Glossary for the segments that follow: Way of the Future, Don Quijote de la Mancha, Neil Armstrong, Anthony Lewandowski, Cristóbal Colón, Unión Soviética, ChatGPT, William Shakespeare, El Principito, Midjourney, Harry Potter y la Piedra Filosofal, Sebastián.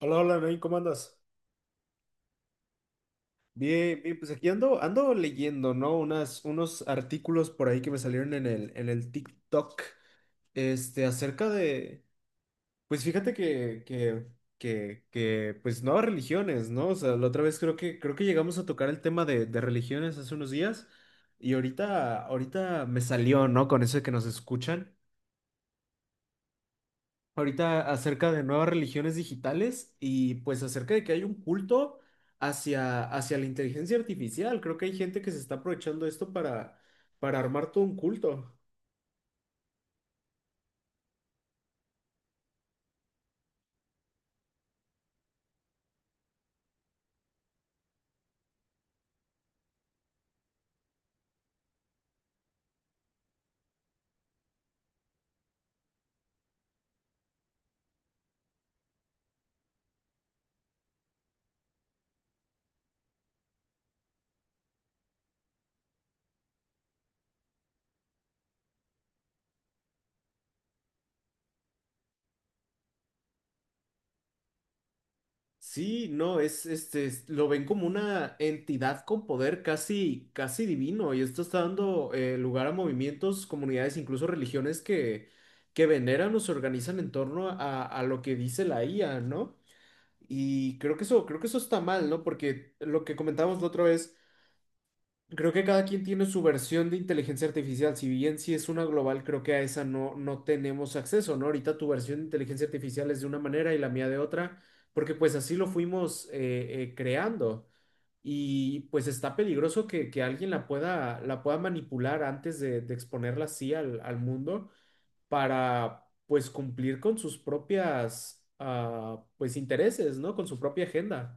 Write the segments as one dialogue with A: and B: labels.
A: Hola, hola, Nain, ¿cómo andas? Bien, bien, pues aquí ando, ando leyendo, ¿no? Unos artículos por ahí que me salieron en el TikTok, este, acerca de, pues fíjate que pues nuevas religiones, ¿no? O sea, la otra vez creo que llegamos a tocar el tema de religiones hace unos días. Y ahorita me salió, ¿no? Con eso de que nos escuchan. Ahorita acerca de nuevas religiones digitales y pues acerca de que hay un culto hacia la inteligencia artificial. Creo que hay gente que se está aprovechando esto para armar todo un culto. Sí, no, es este, es- lo ven como una entidad con poder casi divino y esto está dando lugar a movimientos, comunidades, incluso religiones que veneran o se organizan en torno a lo que dice la IA, ¿no? Y creo que eso está mal, ¿no? Porque lo que comentábamos la otra vez. Creo que cada quien tiene su versión de inteligencia artificial. Si bien si es una global, creo que a esa no tenemos acceso, ¿no? Ahorita tu versión de inteligencia artificial es de una manera y la mía de otra, porque pues así lo fuimos creando. Y pues está peligroso que alguien la pueda manipular antes de exponerla así al mundo para pues cumplir con sus propias pues intereses, ¿no? Con su propia agenda.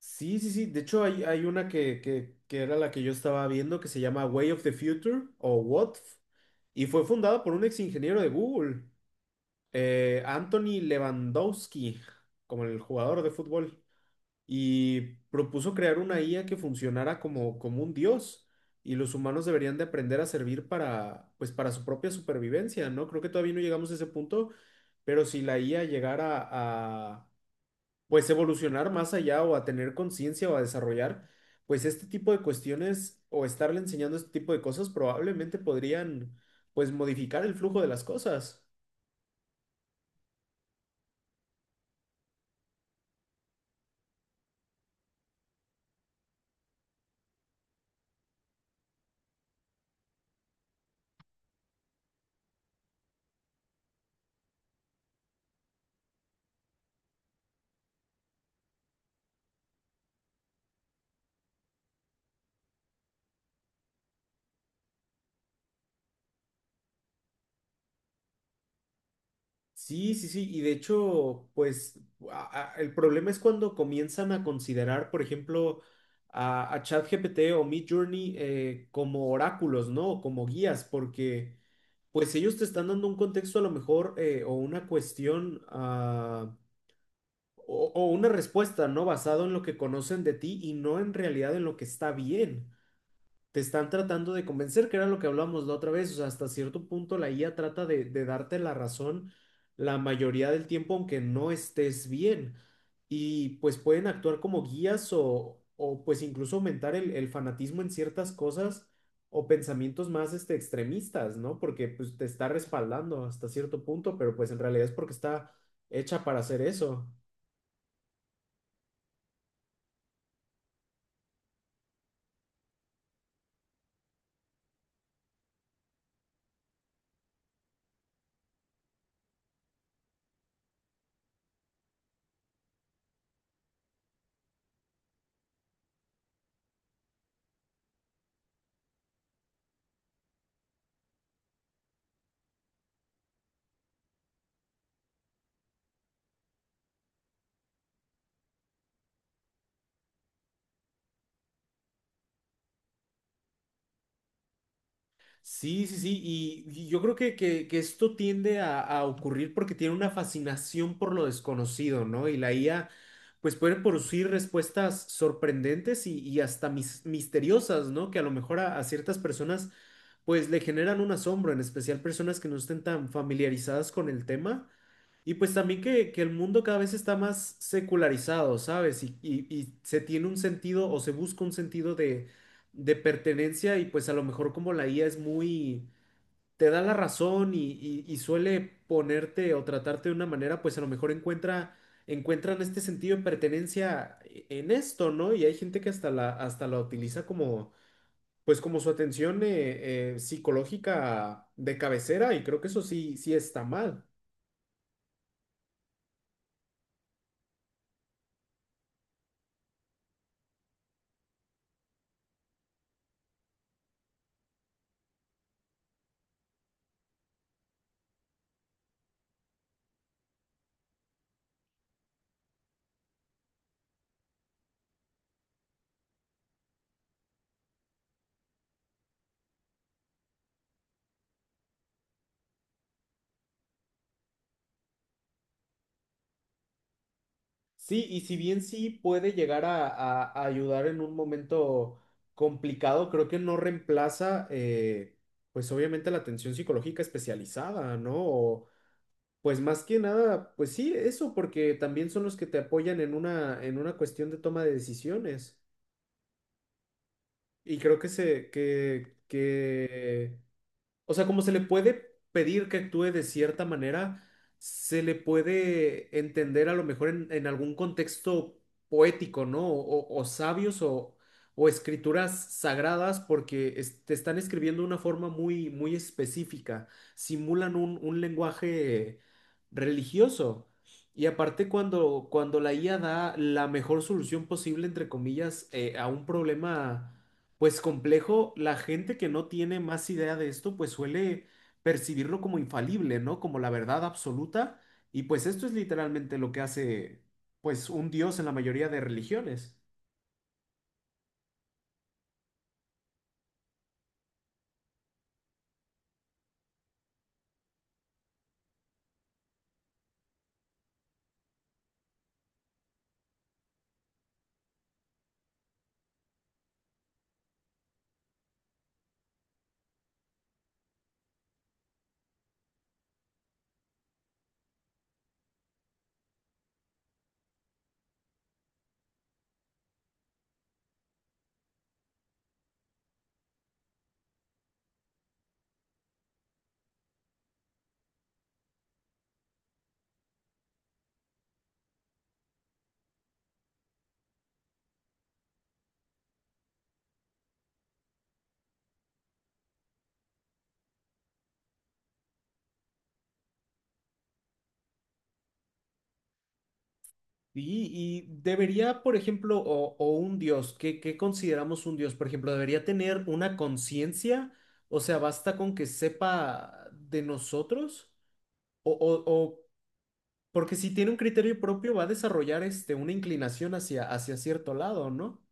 A: Sí, sí, sí. De hecho, hay una que era la que yo estaba viendo que se llama Way of the Future o WOTF y fue fundada por un ex ingeniero de Google, Anthony Lewandowski, como el jugador de fútbol, y propuso crear una IA que funcionara como, como un dios y los humanos deberían de aprender a servir para, pues, para su propia supervivencia, ¿no? Creo que todavía no llegamos a ese punto, pero si la IA llegara a pues evolucionar más allá o a tener conciencia o a desarrollar, pues este tipo de cuestiones o estarle enseñando este tipo de cosas probablemente podrían pues modificar el flujo de las cosas. Sí, sí, sí, y de hecho, pues a- el problema es cuando comienzan a considerar, por ejemplo, a ChatGPT o Midjourney como oráculos, ¿no? O como guías, porque pues ellos te están dando un contexto a lo mejor o una cuestión o una respuesta, ¿no? Basado en lo que conocen de ti y no en realidad en lo que está bien. Te están tratando de convencer, que era lo que hablamos la otra vez. O sea, hasta cierto punto la IA trata de darte la razón la mayoría del tiempo, aunque no estés bien. Y pues pueden actuar como guías o pues incluso aumentar el fanatismo en ciertas cosas o pensamientos más este, extremistas, ¿no? Porque pues te está respaldando hasta cierto punto, pero pues en realidad es porque está hecha para hacer eso. Sí, sí, sí, y yo creo que esto tiende a ocurrir porque tiene una fascinación por lo desconocido, ¿no? Y la IA, pues puede producir respuestas sorprendentes y hasta mis- misteriosas, ¿no? Que a lo mejor a ciertas personas, pues le generan un asombro, en especial personas que no estén tan familiarizadas con el tema. Y pues también que el mundo cada vez está más secularizado, ¿sabes? Y se tiene un sentido o se busca un sentido de pertenencia y pues a lo mejor como la IA es muy, te da la razón y suele ponerte o tratarte de una manera, pues a lo mejor encuentran este sentido de pertenencia e- en esto, ¿no? Y hay gente que hasta la utiliza como, pues como su atención psicológica de cabecera y creo que eso sí, sí está mal. Sí, y si bien sí puede llegar a ayudar en un momento complicado, creo que no reemplaza, pues obviamente la atención psicológica especializada, ¿no? O, pues más que nada, pues sí, eso, porque también son los que te apoyan en una cuestión de toma de decisiones. Y creo que que o sea, como se le puede pedir que actúe de cierta manera, se le puede entender a lo mejor en algún contexto poético, ¿no? O sabios o escrituras sagradas, porque es- te están escribiendo de una forma muy, muy específica, simulan un lenguaje religioso. Y aparte cuando la IA da la mejor solución posible, entre comillas, a un problema pues complejo, la gente que no tiene más idea de esto, pues suele percibirlo como infalible, ¿no? Como la verdad absoluta. Y pues esto es literalmente lo que hace, pues, un dios en la mayoría de religiones. Y, y debería, por ejemplo, o un dios, ¿qué, qué consideramos un dios? Por ejemplo, ¿debería tener una conciencia? O sea, ¿basta con que sepa de nosotros? O porque si tiene un criterio propio, va a desarrollar este, una inclinación hacia, hacia cierto lado, ¿no?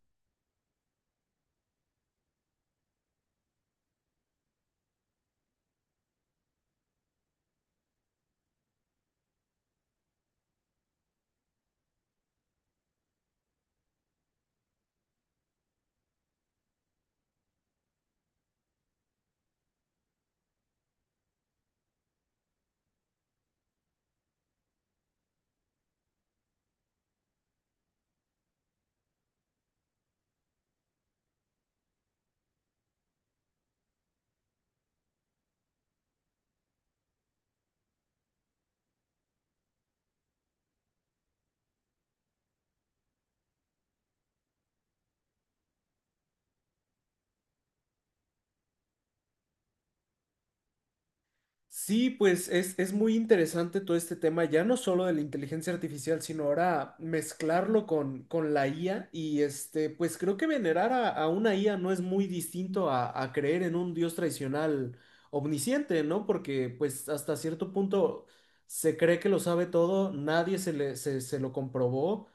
A: Sí, pues es muy interesante todo este tema, ya no solo de la inteligencia artificial, sino ahora mezclarlo con la IA y este, pues creo que venerar a una IA no es muy distinto a creer en un dios tradicional omnisciente, ¿no? Porque pues hasta cierto punto se cree que lo sabe todo, nadie se le, se lo comprobó,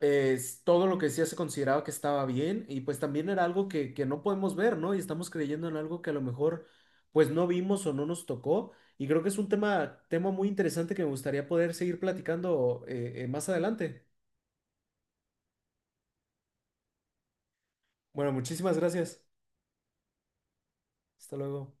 A: es todo lo que decía se consideraba que estaba bien y pues también era algo que no podemos ver, ¿no? Y estamos creyendo en algo que a lo mejor pues no vimos o no nos tocó y creo que es un tema muy interesante que me gustaría poder seguir platicando más adelante. Bueno, muchísimas gracias. Hasta luego.